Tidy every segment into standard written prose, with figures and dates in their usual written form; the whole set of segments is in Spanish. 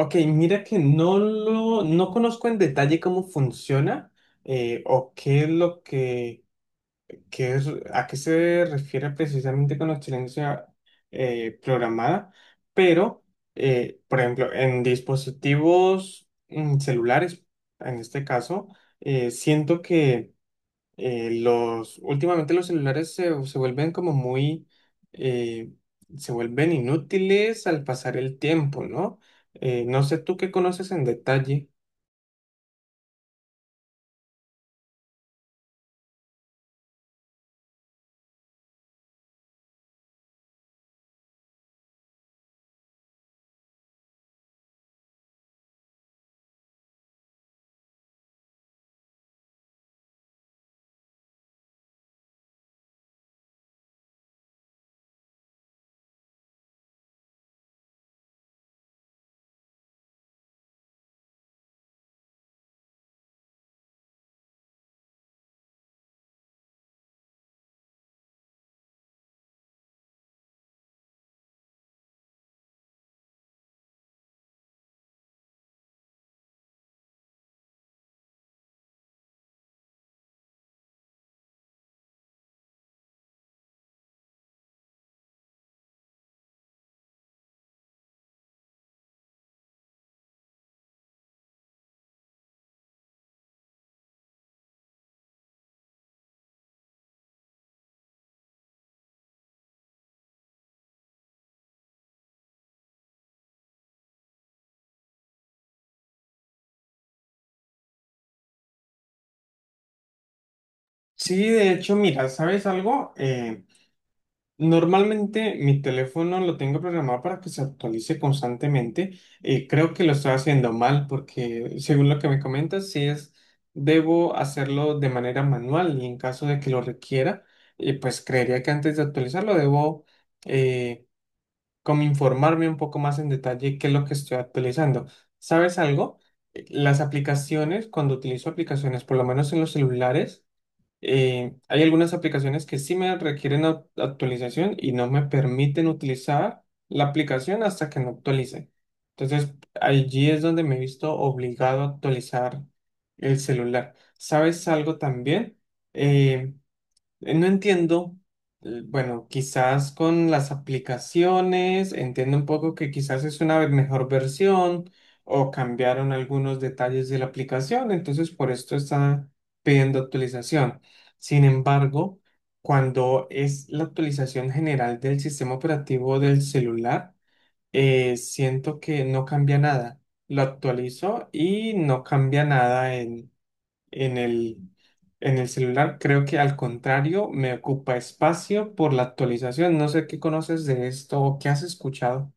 Ok, mira que no conozco en detalle cómo funciona, o qué es lo que, qué es- a qué se refiere precisamente con obsolescencia programada, pero, por ejemplo, en dispositivos celulares, en este caso, siento que los, últimamente los celulares se vuelven como muy, eh, se vuelven inútiles al pasar el tiempo, ¿no? No sé tú qué conoces en detalle. Sí, de hecho, mira, ¿sabes algo? Normalmente mi teléfono lo tengo programado para que se actualice constantemente. Y creo que lo estoy haciendo mal porque según lo que me comentas, si es, debo hacerlo de manera manual y en caso de que lo requiera, pues creería que antes de actualizarlo debo eh, como informarme un poco más en detalle qué es lo que estoy actualizando. ¿Sabes algo? Las aplicaciones, cuando utilizo aplicaciones, por lo menos en los celulares, hay algunas aplicaciones que sí me requieren actualización y no me permiten utilizar la aplicación hasta que no actualice. Entonces, allí es donde me he visto obligado a actualizar el celular. ¿Sabes algo también? Eh, No entiendo, bueno, quizás con las aplicaciones, entiendo un poco que quizás es una mejor versión o cambiaron algunos detalles de la aplicación, entonces por esto está pidiendo actualización. Sin embargo, cuando es la actualización general del sistema operativo del celular, siento que no cambia nada. Lo actualizo y no cambia nada en el, en el celular, creo que al contrario me ocupa espacio por la actualización. No sé qué conoces de esto o qué has escuchado.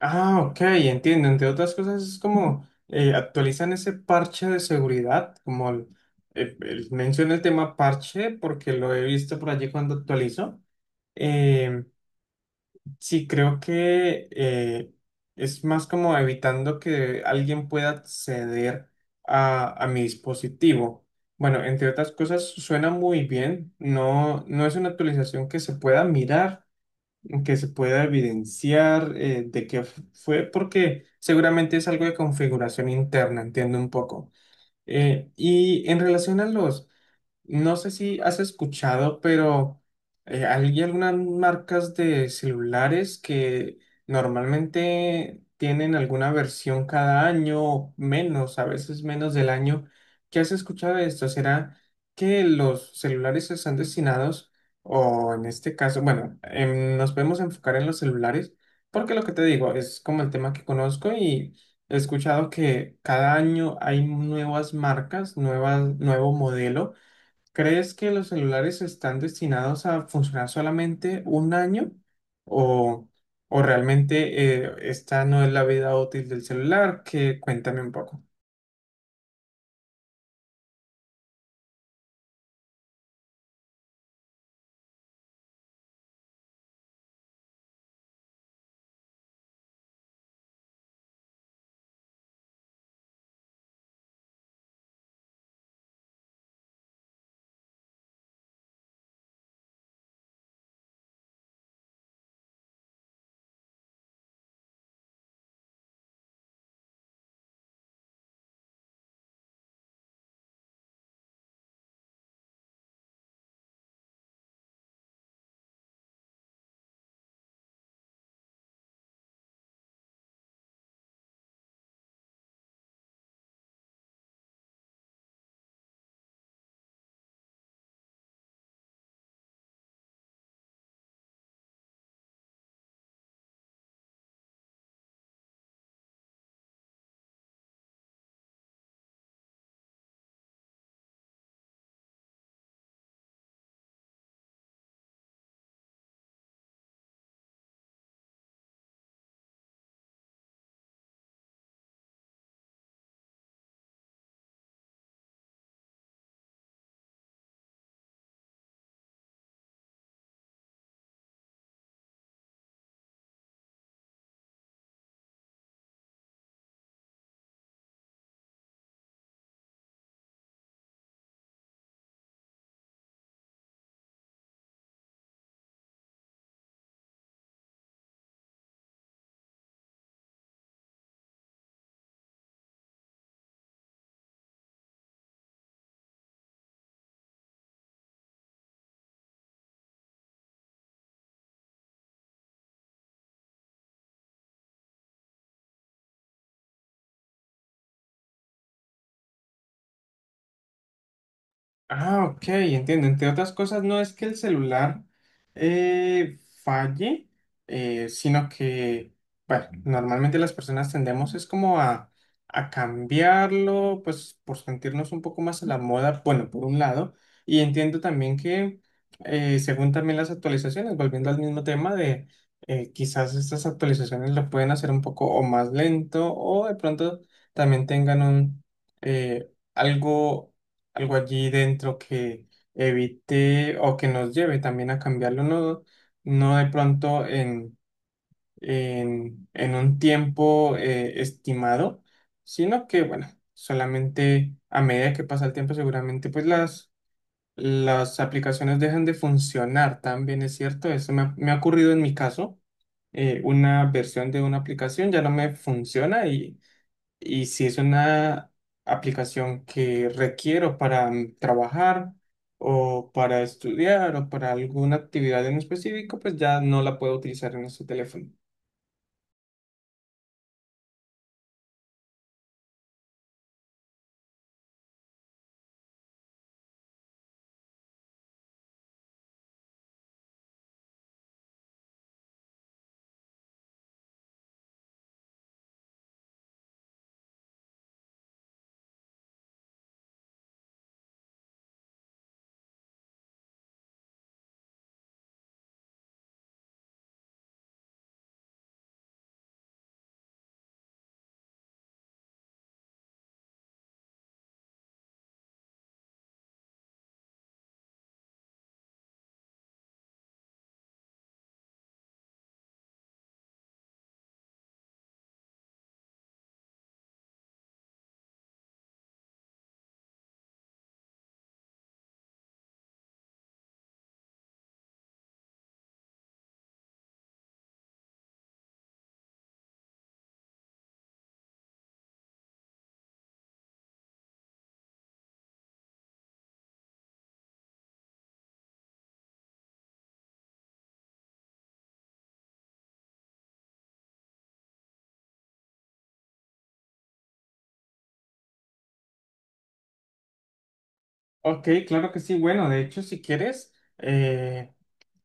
Ah, ok, entiendo. Entre otras cosas es como actualizan ese parche de seguridad, como menciono el tema parche porque lo he visto por allí cuando actualizo. Em, Sí, creo que es más como evitando que alguien pueda acceder a mi dispositivo. Bueno, entre otras cosas, suena muy bien. No, no es una actualización que se pueda mirar, que se pueda evidenciar de qué fue, porque seguramente es algo de configuración interna, entiendo un poco. Y en relación a los no sé si has escuchado, pero hay algunas marcas de celulares que normalmente tienen alguna versión cada año, menos, a veces menos del año. ¿Qué has escuchado de esto? ¿Será que los celulares están destinados, o en este caso, bueno, nos podemos enfocar en los celulares, porque lo que te digo es como el tema que conozco y he escuchado que cada año hay nuevas marcas, nuevas, nuevo modelo? ¿Crees que los celulares están destinados a funcionar solamente un año o, o realmente esta no es la vida útil del celular? Que cuéntame un poco. Ah, ok, entiendo. Entre otras cosas, no es que el celular eh, falle, sino que, bueno, normalmente las personas tendemos es como a cambiarlo, pues por sentirnos un poco más a la moda, bueno, por un lado, y entiendo también que, según también las actualizaciones, volviendo al mismo tema de, quizás estas actualizaciones lo pueden hacer un poco o más lento o de pronto también tengan un... eh, algo algo allí dentro que evite o que nos lleve también a cambiarlo, no, no de pronto en, en un tiempo estimado, sino que, bueno, solamente a medida que pasa el tiempo, seguramente pues las aplicaciones dejan de funcionar, también es cierto, eso me ha ocurrido en mi caso. Una versión de una aplicación ya no me funciona y si es una aplicación que requiero para trabajar o para estudiar o para alguna actividad en específico, pues ya no la puedo utilizar en este teléfono. Ok, claro que sí. Bueno, de hecho, si quieres, eh,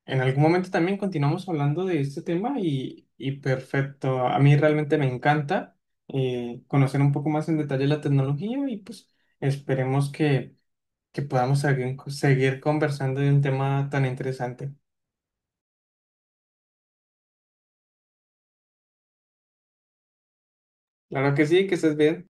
en algún momento también continuamos hablando de este tema y perfecto. A mí realmente me encanta conocer un poco más en detalle la tecnología y pues esperemos que podamos seguir conversando de un tema tan interesante. Claro que sí, que estés bien.